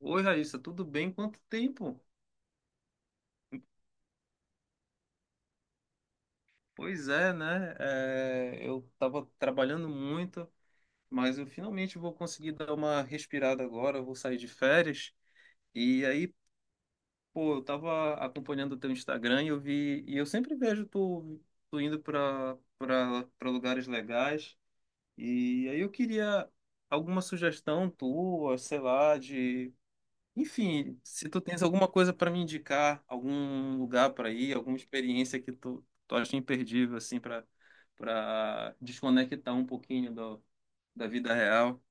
Oi, Raíssa, tudo bem? Quanto tempo? Pois é, né? É, eu estava trabalhando muito, mas eu finalmente vou conseguir dar uma respirada agora. Eu vou sair de férias. E aí, pô, eu estava acompanhando o teu Instagram e eu vi, e eu sempre vejo tu, tu indo para lugares legais. E aí eu queria alguma sugestão tua, sei lá, de Enfim, se tu tens alguma coisa para me indicar, algum lugar para ir, alguma experiência que tu acha imperdível, assim, para desconectar um pouquinho do, da vida real.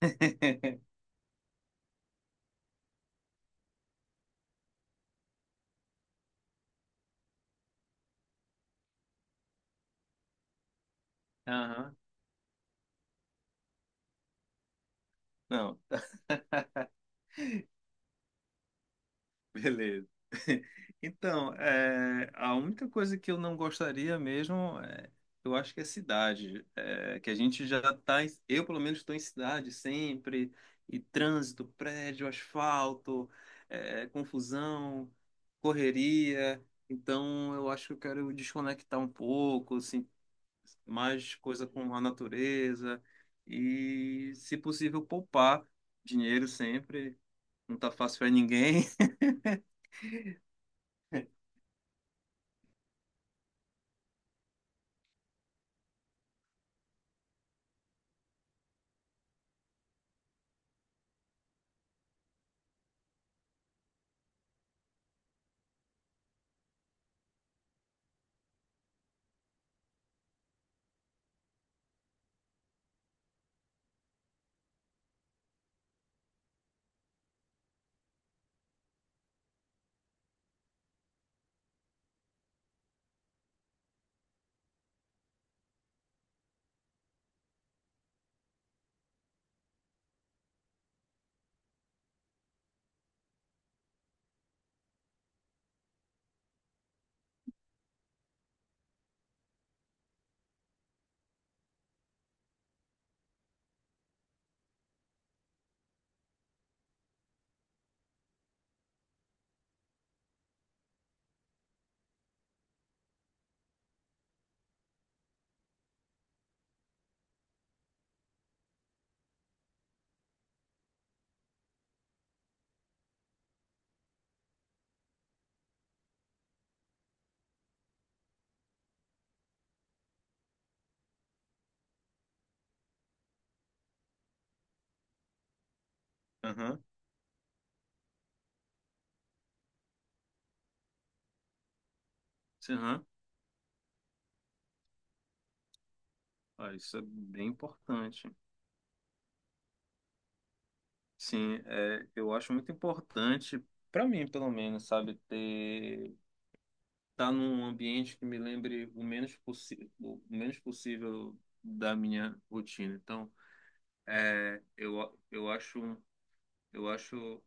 Aham. Não. Beleza. Então, é, a única coisa que eu não gostaria mesmo, é, eu acho que é cidade. É, que a gente já tá, eu pelo menos estou em cidade sempre, e trânsito, prédio, asfalto, é, confusão, correria. Então, eu acho que eu quero desconectar um pouco, assim, mais coisa com a natureza e, se possível, poupar dinheiro sempre. Não tá fácil para ninguém. Sim, aham. Ah, isso é bem importante. Sim, é, eu acho muito importante, para mim, pelo menos, sabe, ter estar num ambiente que me lembre o menos possível da minha rotina. Então, é, eu acho, eu acho,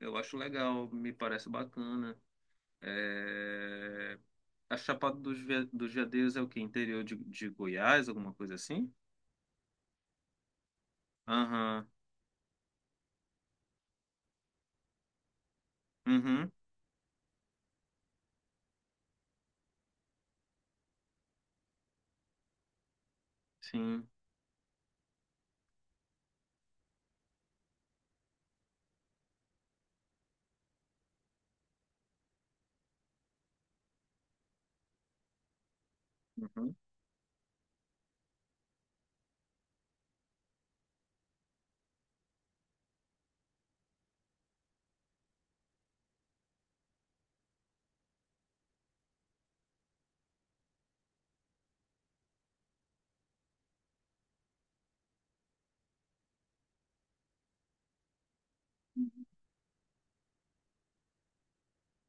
eu acho legal, me parece bacana. É, a Chapada dos, dos Veadeiros é o quê? Interior de Goiás, alguma coisa assim? Aham, uhum, sim, uhum,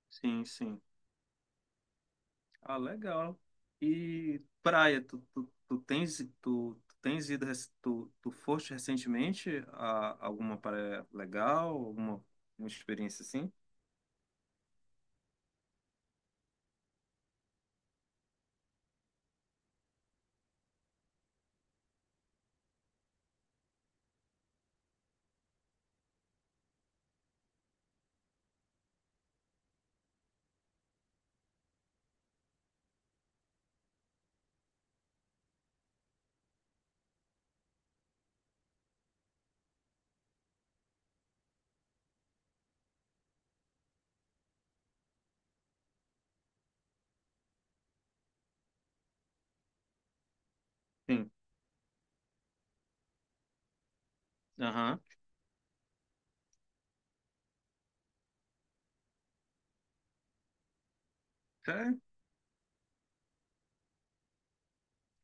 sim, sim. Ah, legal. E praia, tu tens, tu tens ido, tu, tu foste recentemente a alguma praia legal, alguma uma experiência assim? Sim. Aham. É?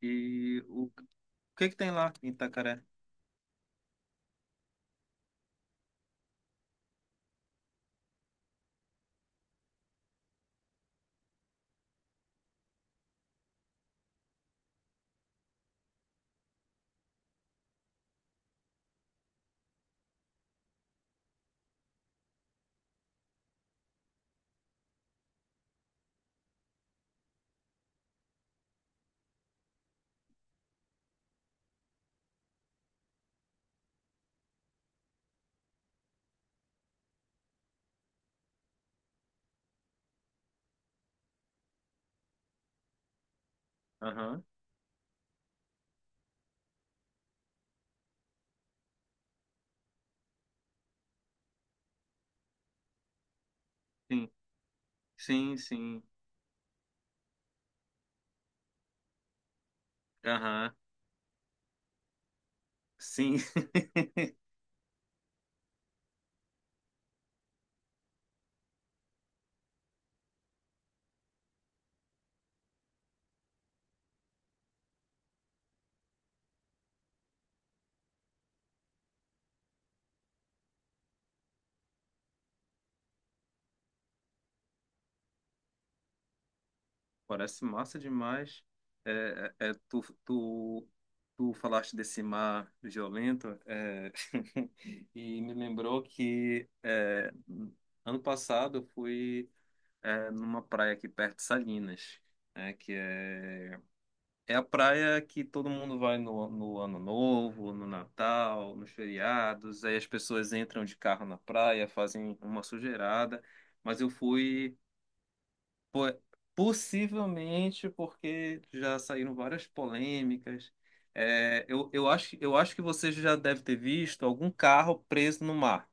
E o que que tem lá em Itacaré? Aham. Sim. Sim, sim. Aham. Sim. Parece massa demais. É, é, é, tu, tu, tu falaste desse mar violento, é, e me lembrou que é, ano passado eu fui é, numa praia aqui perto de Salinas, né, que é, é a praia que todo mundo vai no, no Ano Novo, no Natal, nos feriados, aí as pessoas entram de carro na praia, fazem uma sujeirada, mas eu fui. Po- Possivelmente porque já saíram várias polêmicas. É, eu acho, eu acho que você já deve ter visto algum carro preso no mar.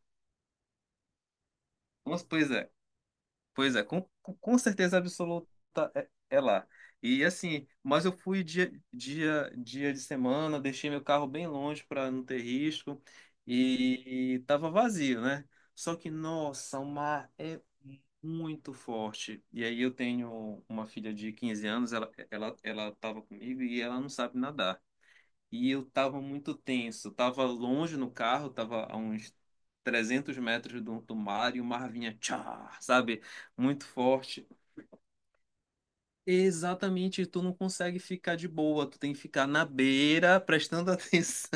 Mas, pois é. Pois é, com certeza absoluta é, é lá. E assim, mas eu fui dia, dia de semana, deixei meu carro bem longe para não ter risco e tava vazio, né? Só que, nossa, o mar é muito forte. E aí eu tenho uma filha de 15 anos, ela tava comigo e ela não sabe nadar e eu tava muito tenso. Tava longe no carro, tava a uns 300 metros do, do mar e o mar vinha, tchá, sabe? Muito forte. Exatamente, tu não consegue ficar de boa, tu tem que ficar na beira, prestando atenção,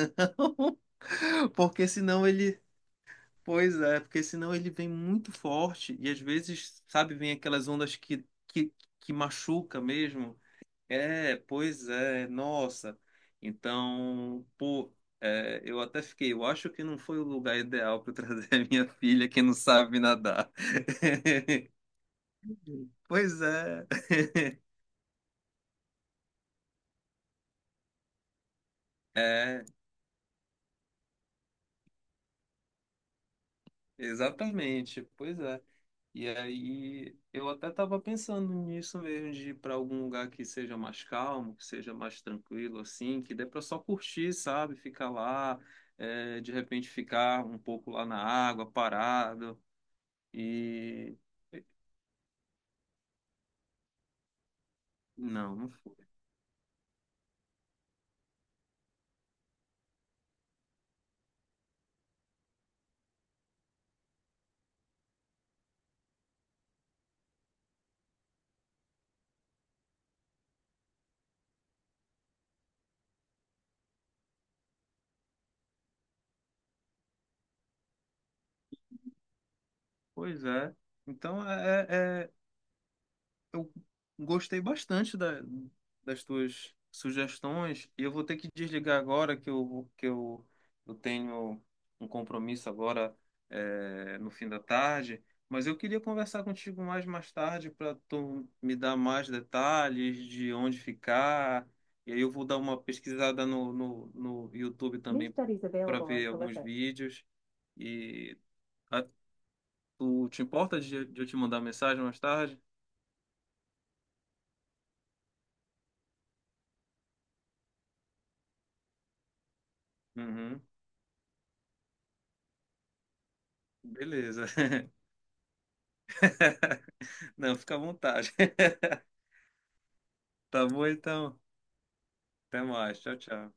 porque senão ele. Pois é, porque senão ele vem muito forte e às vezes, sabe, vem aquelas ondas que, que machuca mesmo. É, pois é, nossa. Então, pô, é, eu até fiquei, eu acho que não foi o lugar ideal para trazer a minha filha que não sabe nadar. Pois é, é, exatamente, pois é. E aí eu até estava pensando nisso mesmo, de ir para algum lugar que seja mais calmo, que seja mais tranquilo, assim, que dê para só curtir, sabe? Ficar lá, é, de repente ficar um pouco lá na água, parado. E. Não, não- pois é. Então, é, eu gostei bastante das tuas sugestões e eu vou ter que desligar agora que eu tenho um compromisso agora é, no fim da tarde, mas eu queria conversar contigo mais mais tarde para tu me dar mais detalhes de onde ficar e aí eu vou dar uma pesquisada no, no YouTube também Nisto, Isabel, para ver alguns conversa. Vídeos e Tu te importa de eu te mandar mensagem mais tarde? Uhum. Beleza. Não, fica à vontade. Tá bom então. Até mais. Tchau, tchau.